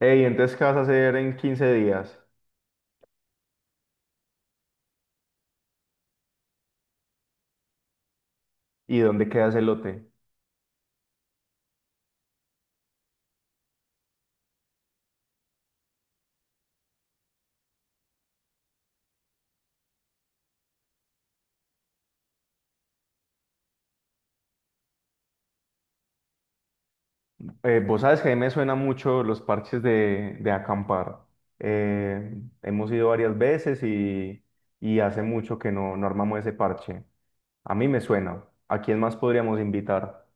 Ey, entonces, ¿qué vas a hacer en 15 días? ¿Y dónde queda el lote? Vos sabes que a mí me suena mucho los parches de acampar. Hemos ido varias veces y hace mucho que no armamos ese parche. A mí me suena. ¿A quién más podríamos invitar?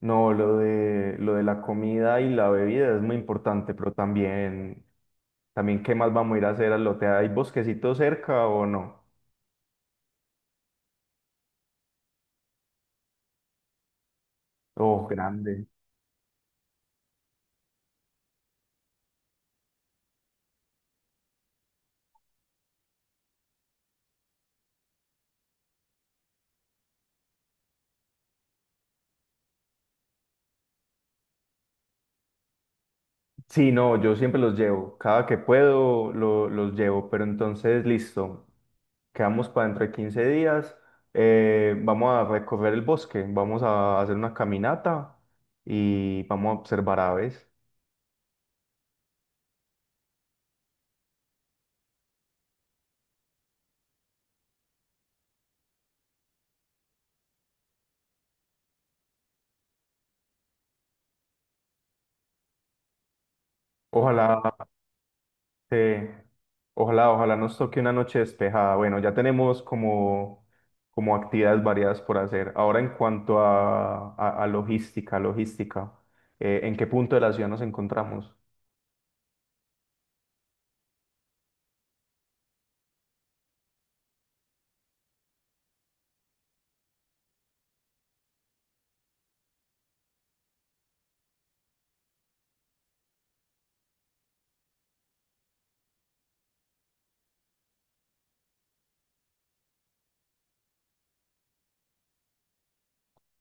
No, lo de la comida y la bebida es muy importante, pero también, ¿qué más vamos a ir a hacer al lote? ¿Hay bosquecito cerca o no? Oh, grande. Sí, no, yo siempre los llevo. Cada que puedo los llevo. Pero entonces, listo. Quedamos para dentro de 15 días. Vamos a recorrer el bosque. Vamos a hacer una caminata y vamos a observar aves. Ojalá. eh, Ojalá nos toque una noche despejada. Bueno, ya tenemos como actividades variadas por hacer. Ahora, en cuanto a logística, logística, ¿en qué punto de la ciudad nos encontramos?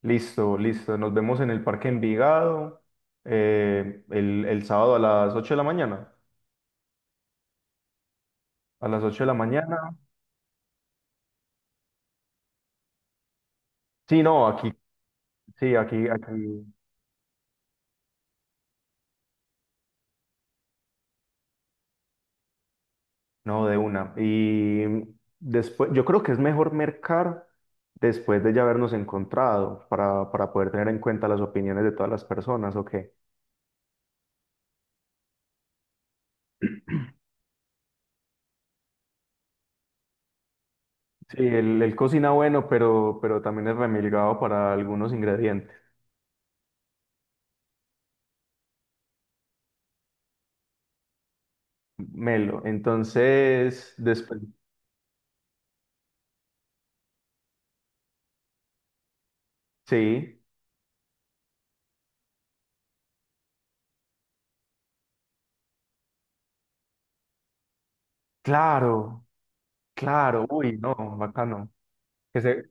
Listo, listo. Nos vemos en el Parque Envigado el sábado a las 8 de la mañana. A las 8 de la mañana. Sí, no, aquí, sí, aquí, no, de una. Y después, yo creo que es mejor mercar después de ya habernos encontrado para poder tener en cuenta las opiniones de todas las personas, ¿o qué? Sí, él cocina bueno, pero también es remilgado para algunos ingredientes. Melo. Entonces, después, sí, claro. Claro, uy, no, bacano. Que se,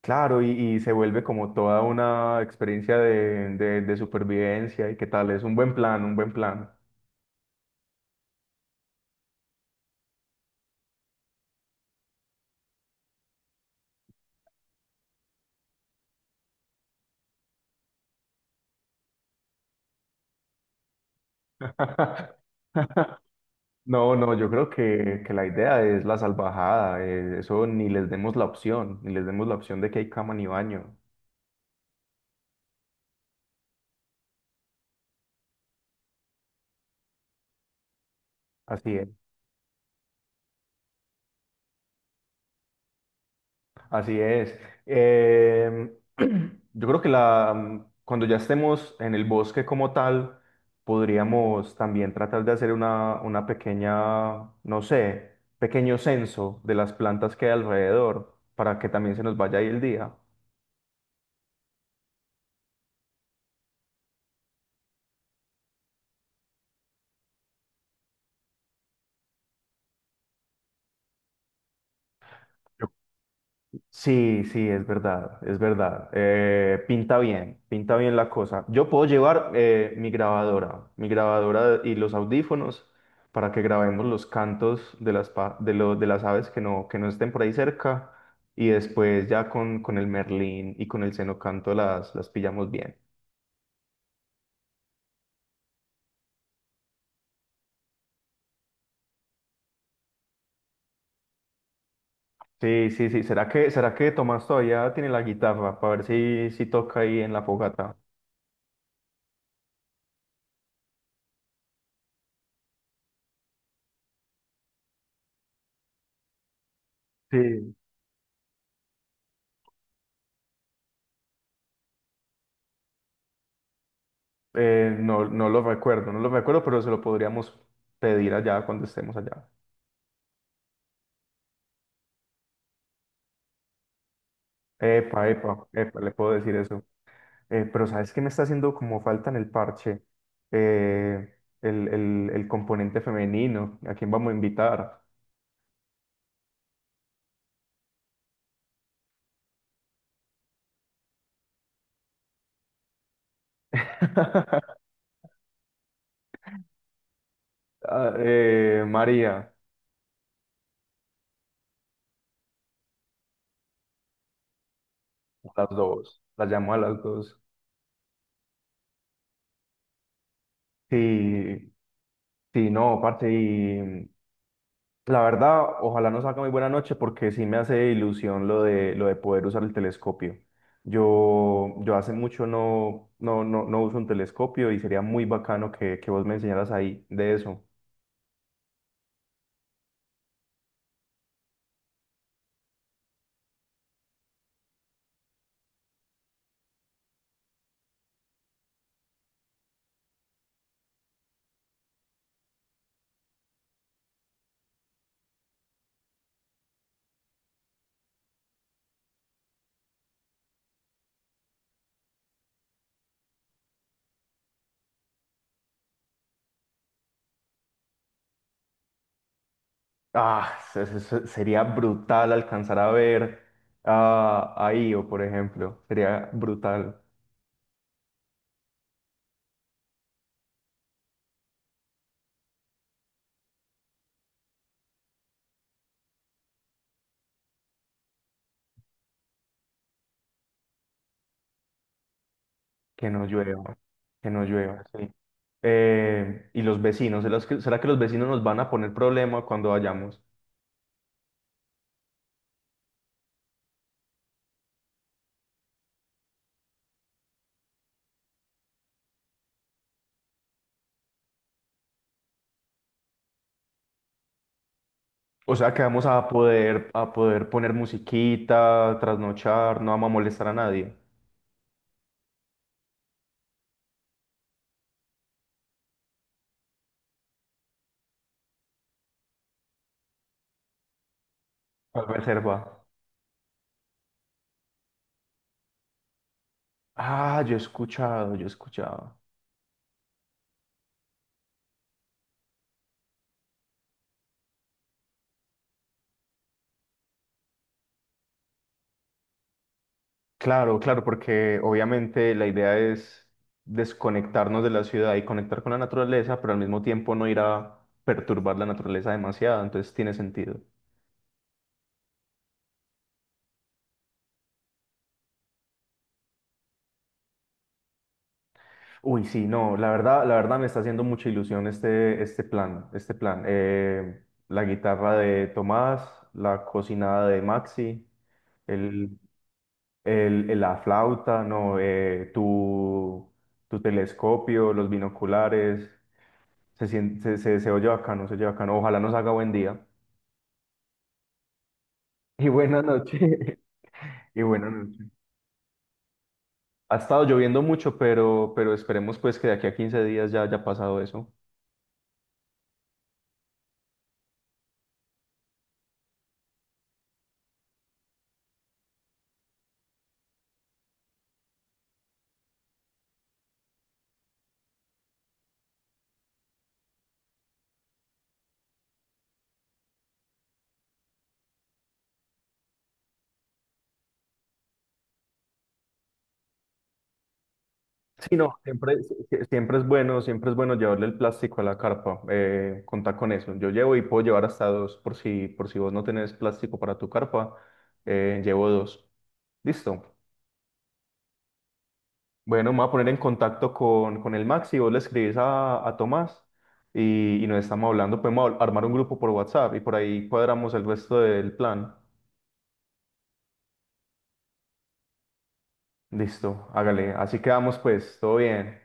claro, y se vuelve como toda una experiencia de supervivencia y qué tal, es un buen plan, un buen plan. No, no, yo creo que la idea es la salvajada, eso ni les demos la opción, ni les demos la opción de que hay cama ni baño. Así es. Así es. Em, yo creo que cuando ya estemos en el bosque como tal, podríamos también tratar de hacer una pequeña, no sé, pequeño censo de las plantas que hay alrededor para que también se nos vaya ahí el día. Sí, sí, es verdad, es verdad. Pinta bien, pinta bien la cosa. Yo puedo llevar mi grabadora y los audífonos para que grabemos los cantos de las, pa- de lo- de las aves que no estén por ahí cerca y después ya con el merlín y con el cenocanto las pillamos bien. Sí, sí, sí. ¿Será que Tomás todavía tiene la guitarra para ver si toca ahí en la fogata? Sí. No, no lo recuerdo, no lo recuerdo, pero se lo podríamos pedir allá cuando estemos allá. Epa, epa, epa, le puedo decir eso. Pero ¿sabes qué me está haciendo como falta en el parche? Eh, el componente femenino. ¿A quién vamos a invitar? Ah, María, a las dos. La llamo a las dos. Sí, sí, no, parce, la verdad, ojalá no salga muy buena noche porque sí me hace ilusión lo de poder usar el telescopio. Yo hace mucho no uso un telescopio y sería muy bacano que vos me enseñaras ahí de eso. Ah, sería brutal alcanzar a ver a Io, por ejemplo. Sería brutal que no llueva, que no llueva, sí. Y los vecinos, será que los vecinos nos van a poner problema cuando vayamos? O sea que vamos a poder poner musiquita, trasnochar, no vamos a molestar a nadie. ¿Cuál reserva? Ah, yo he escuchado, yo he escuchado. Claro, claro, porque obviamente la idea es desconectarnos de la ciudad y conectar con la naturaleza, pero al mismo tiempo no ir a perturbar la naturaleza demasiado, entonces tiene sentido. Uy, sí, no, la verdad me está haciendo mucha ilusión este plan, este plan. La guitarra de Tomás, la cocinada de Maxi, el, la flauta, no, tu telescopio, los binoculares, se oye bacano, se oye bacano. Ojalá nos haga buen día. Y buena noche. Y buena noche. Ha estado lloviendo mucho, pero esperemos pues que de aquí a 15 días ya haya pasado eso. Sí, no, siempre, si- si- siempre es bueno llevarle el plástico a la carpa, contar con eso. Yo llevo y puedo llevar hasta dos, por si vos no tenés plástico para tu carpa, llevo dos. Listo. Bueno, me voy a poner en contacto con el Maxi, vos le escribís a Tomás y nos estamos hablando, podemos armar un grupo por WhatsApp y por ahí cuadramos el resto del plan. Listo, hágale, así quedamos pues, todo bien.